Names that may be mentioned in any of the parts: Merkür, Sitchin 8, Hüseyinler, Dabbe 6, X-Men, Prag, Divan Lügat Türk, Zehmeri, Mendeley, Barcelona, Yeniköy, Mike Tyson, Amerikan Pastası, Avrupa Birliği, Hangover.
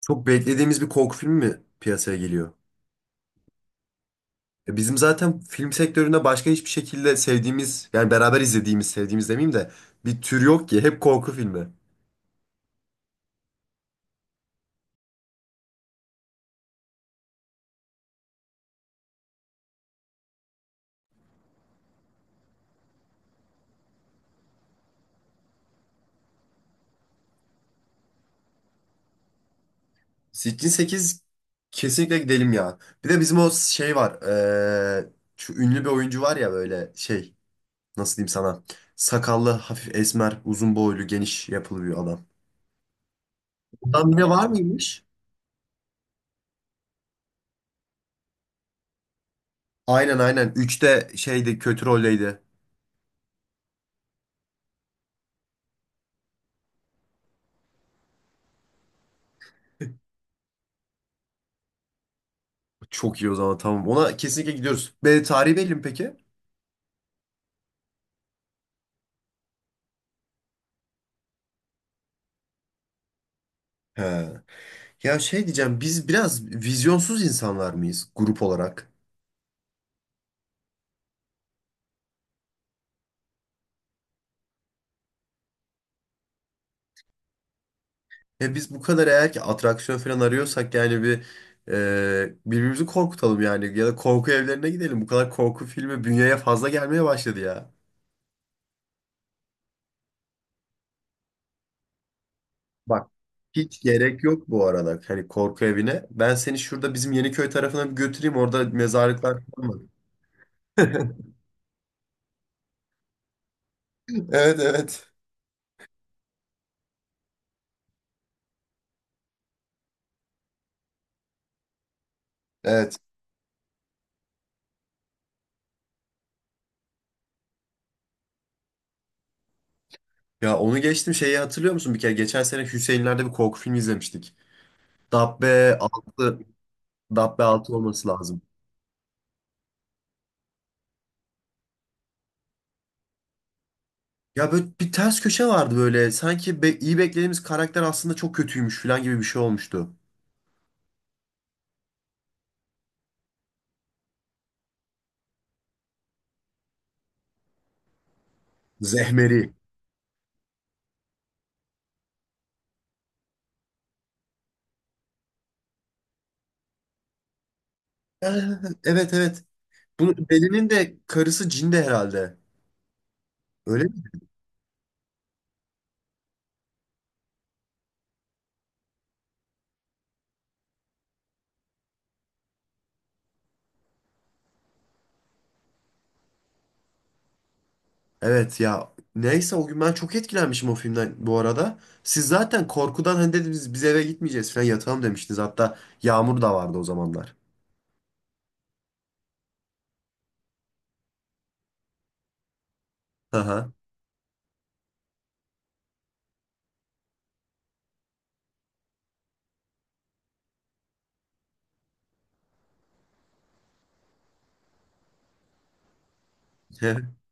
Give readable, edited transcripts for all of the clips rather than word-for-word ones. Çok beklediğimiz bir korku filmi mi piyasaya geliyor? E bizim zaten film sektöründe başka hiçbir şekilde sevdiğimiz, yani beraber izlediğimiz, sevdiğimiz demeyeyim de bir tür yok ki. Hep korku filmi. Sitchin 8 kesinlikle gidelim ya. Bir de bizim o şey var. e, Şu ünlü bir oyuncu var ya böyle şey, nasıl diyeyim sana? Sakallı, hafif esmer, uzun boylu, geniş yapılı bir adam. Adam yine var mıymış? Aynen, aynen. Üçte şeydi, kötü roldeydi. Çok iyi o zaman, tamam. Ona kesinlikle gidiyoruz. Be, tarihi belli mi peki? He. Ya şey diyeceğim, biz biraz vizyonsuz insanlar mıyız grup olarak? Ya biz bu kadar eğer ki atraksiyon falan arıyorsak yani bir birbirimizi korkutalım yani, ya da korku evlerine gidelim. Bu kadar korku filmi bünyeye fazla gelmeye başladı ya. Bak, hiç gerek yok bu arada hani korku evine. Ben seni şurada bizim Yeniköy tarafına bir götüreyim, orada mezarlıklar falan var. Evet, evet. Evet. Ya onu geçtim, şeyi hatırlıyor musun? Bir kere geçen sene Hüseyinler'de bir korku filmi izlemiştik. Dabbe 6. Dabbe altı olması lazım. Ya böyle bir ters köşe vardı böyle. Sanki iyi beklediğimiz karakter aslında çok kötüymüş falan gibi bir şey olmuştu. Zehmeri. Ee, Evet, evet. Bunu Deli'nin de karısı cin de herhalde. Öyle mi? Evet ya. Neyse o gün ben çok etkilenmişim o filmden bu arada. Siz zaten korkudan hani dediniz biz eve gitmeyeceğiz falan, yatalım demiştiniz. Hatta Yağmur da vardı o zamanlar. Aha.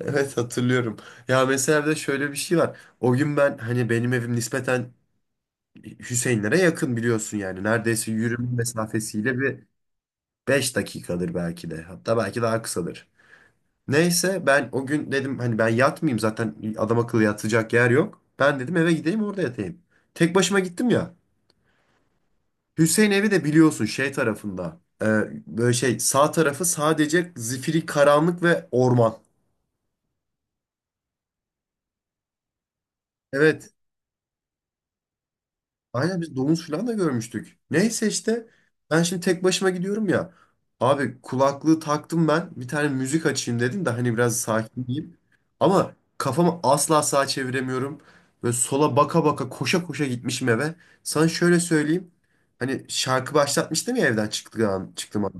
Evet, hatırlıyorum. Ya mesela bir de şöyle bir şey var. O gün ben hani benim evim nispeten Hüseyinlere yakın, biliyorsun yani. Neredeyse yürüme mesafesiyle bir 5 dakikadır belki de. Hatta belki daha kısadır. Neyse ben o gün dedim hani ben yatmayayım, zaten adam akıllı yatacak yer yok. Ben dedim eve gideyim, orada yatayım. Tek başıma gittim ya. Hüseyin evi de biliyorsun şey tarafında. Böyle şey, sağ tarafı sadece zifiri karanlık ve orman. Evet. Aynen, biz domuz falan da görmüştük. Neyse işte ben şimdi tek başıma gidiyorum ya. Abi kulaklığı taktım ben. Bir tane müzik açayım dedim de hani biraz sakinleyeyim. Ama kafamı asla sağa çeviremiyorum. Böyle sola baka baka koşa koşa gitmişim eve. Sana şöyle söyleyeyim. Hani şarkı başlatmıştım ya evden çıktığım an.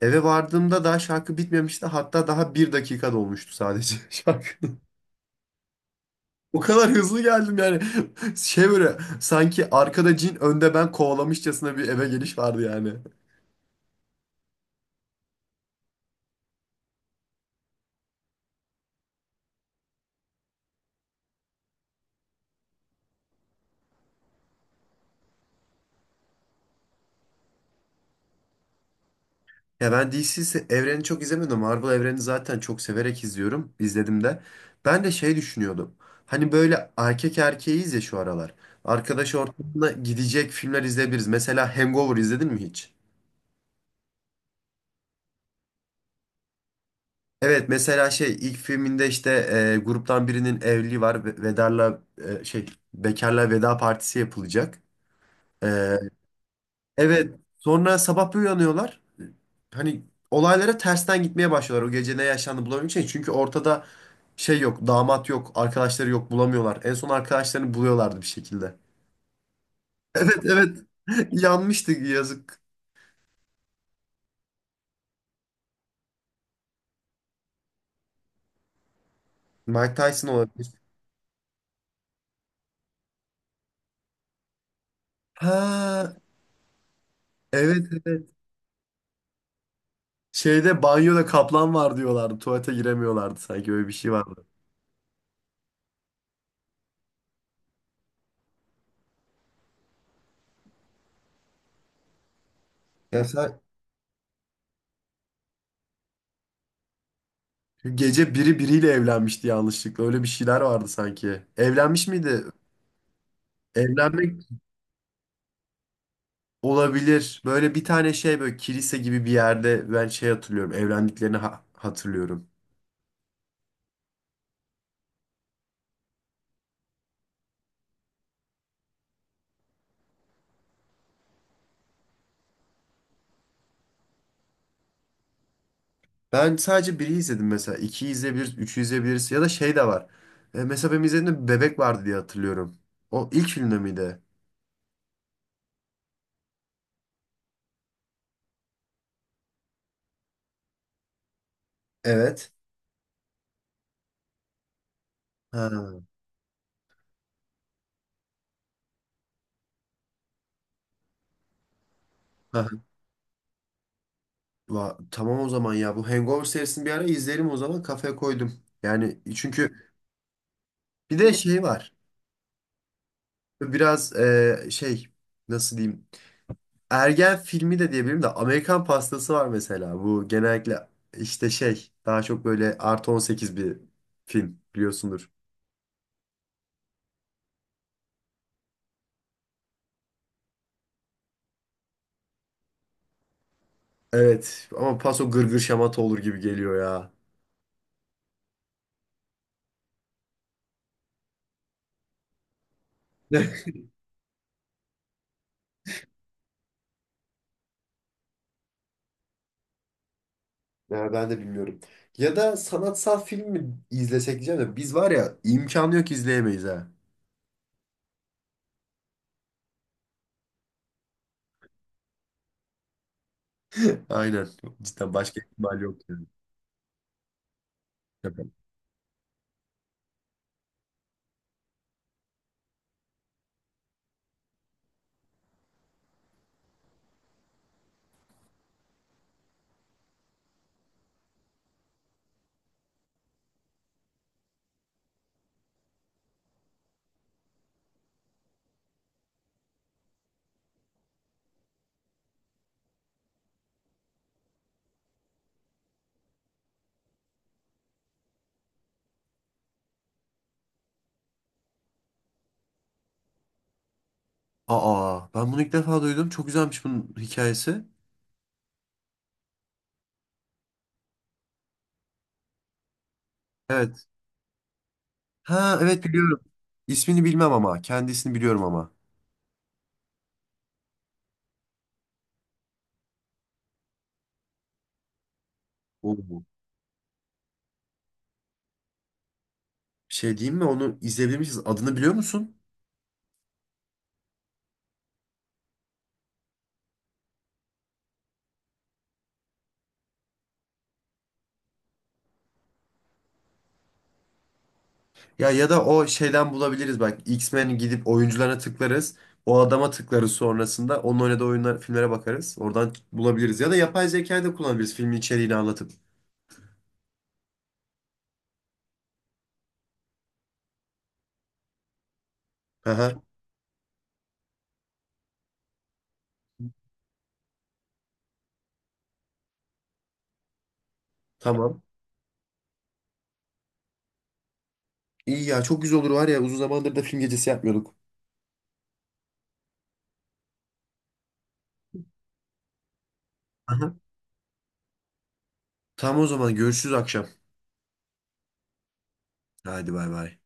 Eve vardığımda daha şarkı bitmemişti. Hatta daha bir dakika dolmuştu sadece şarkı. O kadar hızlı geldim yani. Şey, böyle sanki arkada cin önde ben kovalamışçasına bir eve geliş vardı yani. Ya ben DC evreni çok izlemedim. Marvel evreni zaten çok severek izliyorum. İzledim de. Ben de şey düşünüyordum. Hani böyle erkek erkeğiyiz ya şu aralar. Arkadaş ortamına gidecek filmler izleyebiliriz. Mesela Hangover izledin mi hiç? Evet mesela şey ilk filminde işte gruptan birinin evliliği var. Vedarla şey, bekarla veda partisi yapılacak. Evet. Sonra sabah bir uyanıyorlar. Hani olaylara tersten gitmeye başlıyorlar, o gece ne yaşandı bulabilmek için. Çünkü ortada şey yok. Damat yok. Arkadaşları yok. Bulamıyorlar. En son arkadaşlarını buluyorlardı bir şekilde. Evet, evet. Yanmıştı yazık. Mike Tyson olabilir. Ha, evet, evet. Şeyde banyoda kaplan var diyorlardı. Tuvalete giremiyorlardı, sanki öyle bir şey vardı. Ya sen- gece biri biriyle evlenmişti yanlışlıkla. Öyle bir şeyler vardı sanki. Evlenmiş miydi? Evlenmek. Olabilir. Böyle bir tane şey, böyle kilise gibi bir yerde ben şey hatırlıyorum. Evlendiklerini hatırlıyorum. Ben sadece biri izledim mesela. İkiyi izleyebiliriz, üçü izleyebiliriz. Ya da şey de var. Mesela benim izlediğimde bir bebek vardı diye hatırlıyorum. O ilk filmde miydi? Evet. Ha. Ha. Tamam o zaman ya. Bu Hangover serisini bir ara izleyelim o zaman. Kafaya koydum. Yani çünkü bir de şey var. Biraz şey, nasıl diyeyim. Ergen filmi de diyebilirim de Amerikan Pastası var mesela. Bu genellikle işte şey daha çok böyle artı 18 bir film biliyorsundur. Evet ama paso gırgır şamata olur gibi geliyor ya. Ya ben de bilmiyorum. Ya da sanatsal film mi izlesek diyeceğim de biz, var ya, imkanı yok izleyemeyiz ha. Aynen. Cidden başka ihtimal yok yani. Şaka. Aa, ben bunu ilk defa duydum. Çok güzelmiş bunun hikayesi. Evet. Ha, evet biliyorum. İsmini bilmem ama kendisini biliyorum ama. Oo. Şey diyeyim mi, onu izleyebilmişiz. Adını biliyor musun? Ya, ya da o şeyden bulabiliriz bak. X-Men gidip oyuncularına tıklarız. O adama tıklarız sonrasında. Onun oynadığı oyunlar, filmlere bakarız. Oradan bulabiliriz. Ya da yapay zekayı da kullanabiliriz filmin içeriğini anlatıp. Aha, tamam. İyi ya, çok güzel olur var ya, uzun zamandır da film gecesi yapmıyorduk. Aha. Tamam o zaman, görüşürüz akşam. Hadi, bay bay.